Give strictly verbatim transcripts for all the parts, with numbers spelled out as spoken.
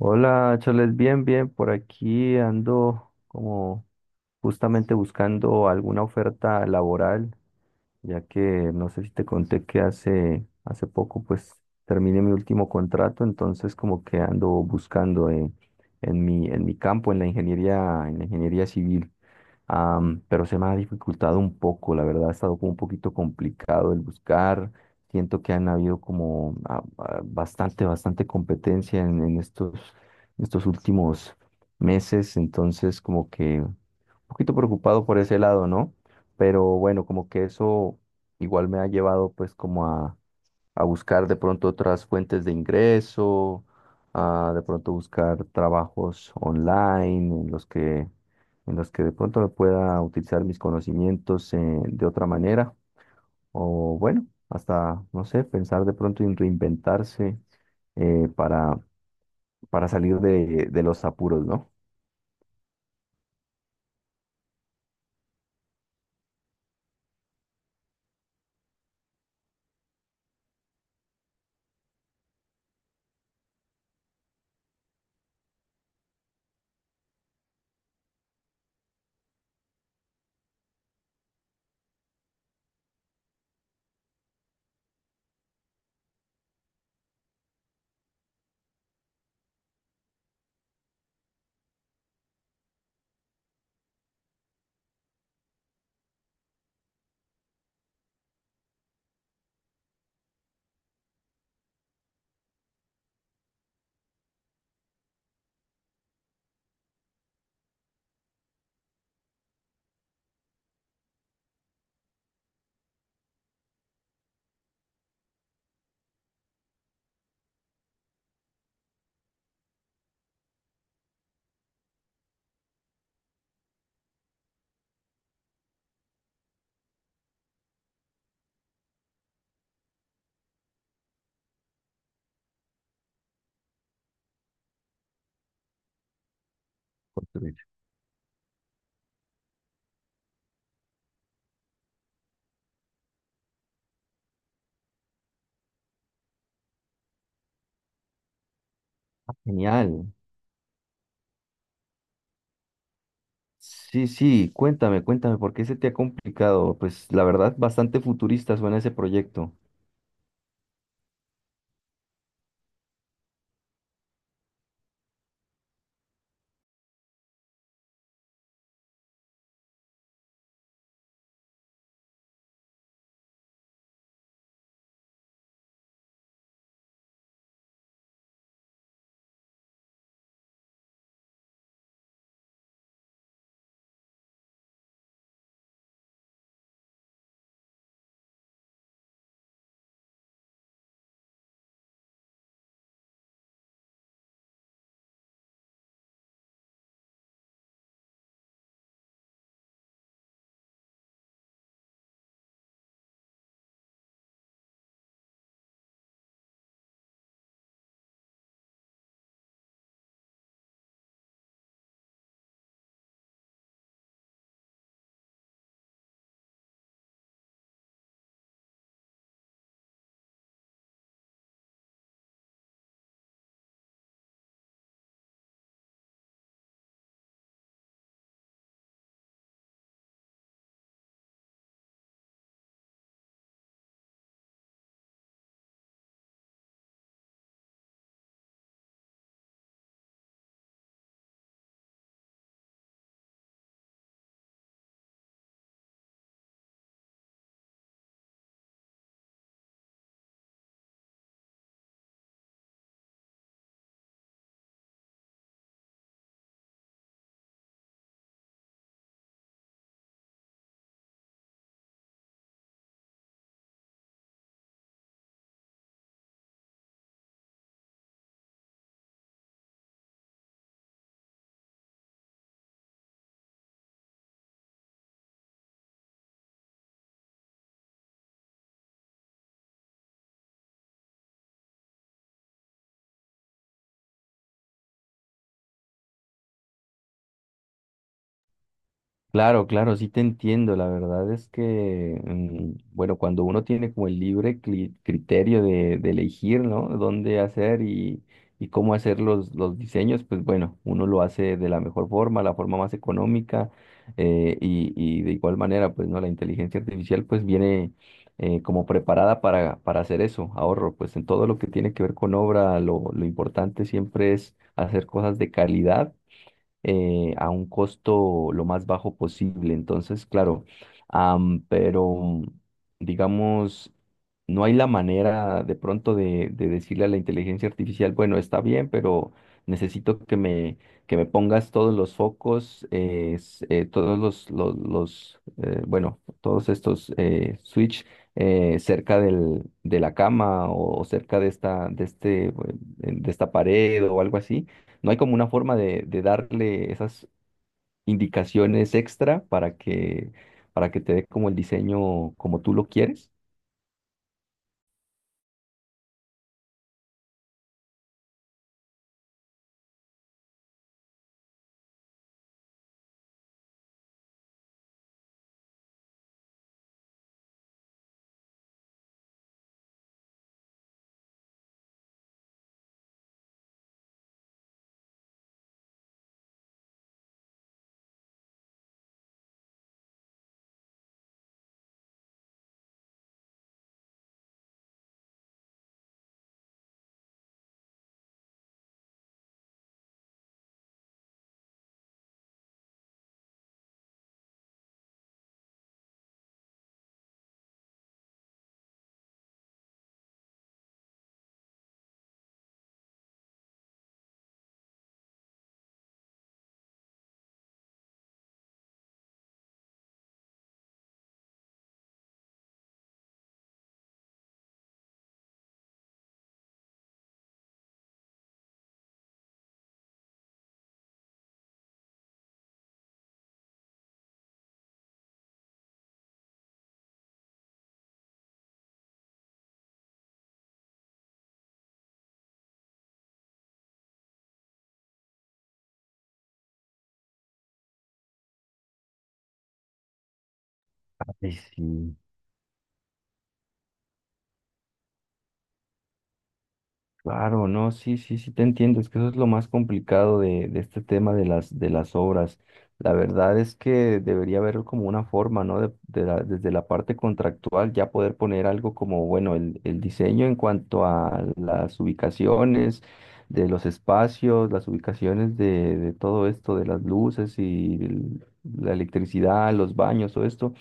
Hola, Charles, bien, bien, por aquí ando como justamente buscando alguna oferta laboral ya que no sé si te conté que hace, hace poco pues terminé mi último contrato, entonces como que ando buscando eh, en mi, en mi campo, en la ingeniería, en la ingeniería civil. Am, pero se me ha dificultado un poco, la verdad ha estado como un poquito complicado el buscar. Siento que han habido como ah, ah, bastante, bastante competencia en, en estos, estos últimos meses, entonces como que un poquito preocupado por ese lado, ¿no? Pero bueno, como que eso igual me ha llevado pues como a, a buscar de pronto otras fuentes de ingreso, a de pronto buscar trabajos online en los que, en los que de pronto me pueda utilizar mis conocimientos eh, de otra manera. O bueno, hasta, no sé, pensar de pronto en reinventarse eh, para, para salir de, de los apuros, ¿no? Construir. Ah, genial. Sí, sí, cuéntame, cuéntame, ¿por qué se te ha complicado? Pues la verdad, bastante futurista suena ese proyecto. Claro, claro, sí te entiendo. La verdad es que, mm, bueno, cuando uno tiene como el libre cli- criterio de, de elegir, ¿no? Dónde hacer y, y cómo hacer los, los diseños, pues bueno, uno lo hace de la mejor forma, la forma más económica eh, y, y de igual manera, pues, ¿no? La inteligencia artificial pues viene eh, como preparada para, para hacer eso, ahorro. Pues en todo lo que tiene que ver con obra, lo, lo importante siempre es hacer cosas de calidad eh, a un costo lo más bajo posible. Entonces, claro, am, pero digamos, no hay la manera de pronto de, de decirle a la inteligencia artificial, bueno, está bien, pero necesito que me, que me pongas todos los focos, eh, s- eh, todos los, los, los, eh, bueno, todos estos eh, switch eh, cerca del, de la cama o, cerca de esta, de este, eh, de esta pared o algo así no hay como una forma de, de darle esas indicaciones extra para que, para que te dé como el diseño como tú lo quieres. Ay, sí. Claro, no, sí, sí, sí te entiendo. Es que eso es lo más complicado de, de este tema de las, de las obras. La verdad es que debería haber como una forma, ¿no? De, de la- desde la parte contractual ya poder poner algo como, bueno, el, el diseño en cuanto a las ubicaciones de los espacios, las ubicaciones de, de todo esto, de las luces y el- la electricidad, los baños, todo esto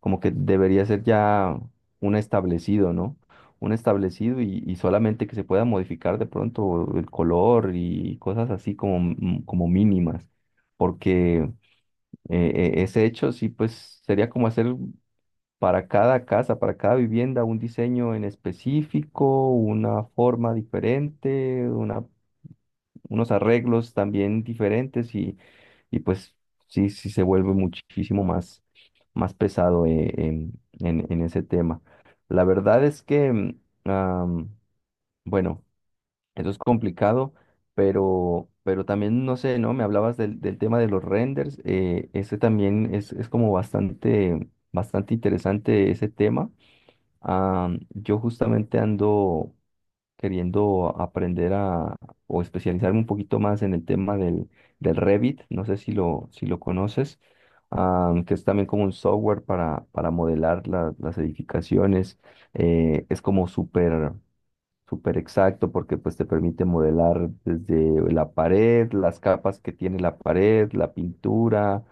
como que debería ser ya un establecido, ¿no? Un establecido y, y solamente que se pueda modificar de pronto el color y cosas así como, m- como mínimas, porque eh, eh, ese hecho sí, pues sería como hacer para cada casa, para cada vivienda, un diseño en específico, una forma diferente, unos arreglos también diferentes y, y pues sí, sí se vuelve muchísimo más, más pesado eh, en, en- en ese tema. La verdad es que, mm, am, bueno, eso es complicado, pero, pero también, no sé, ¿no? Me hablabas del, del tema de los renders, eh, ese también es, es como bastante, bastante interesante ese tema. Am, yo justamente ando queriendo aprender a o especializarme un poquito más en el tema del, del Revit, no sé si lo, si lo conoces, ah, que es también como un software para, para modelar la- las edificaciones, eh, es como súper súper exacto porque pues te permite modelar desde la pared, las capas que tiene la pared, la pintura,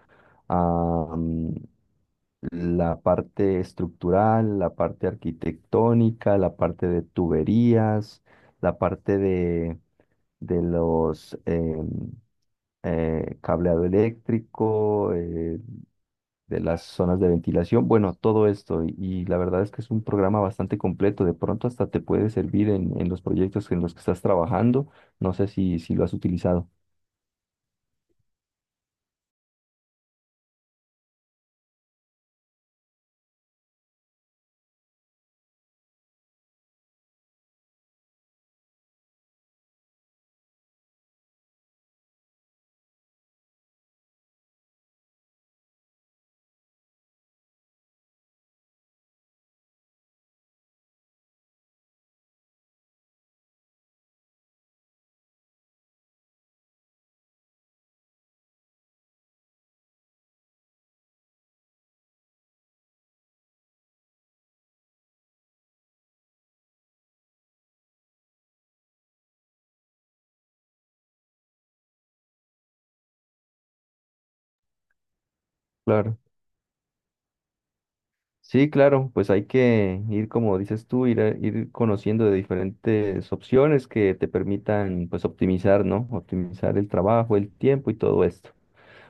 la parte estructural, la parte arquitectónica, la parte de tuberías, la parte de, de los em, eh, cableado eléctrico, eh, de las zonas de ventilación, bueno, todo esto. Y, y la verdad es que es un programa bastante completo. De pronto hasta te puede servir en, en los proyectos en los que estás trabajando. No sé si, si lo has utilizado. Claro. Sí, claro, pues hay que ir, como dices tú, ir, a- ir conociendo de diferentes opciones que te permitan, pues, optimizar, ¿no? Optimizar el trabajo, el tiempo y todo esto.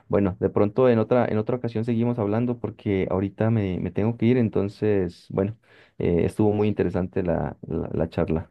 Bueno, de pronto en otra, en otra ocasión seguimos hablando porque ahorita me, me tengo que ir, entonces, bueno, eh, estuvo muy interesante la, la la charla.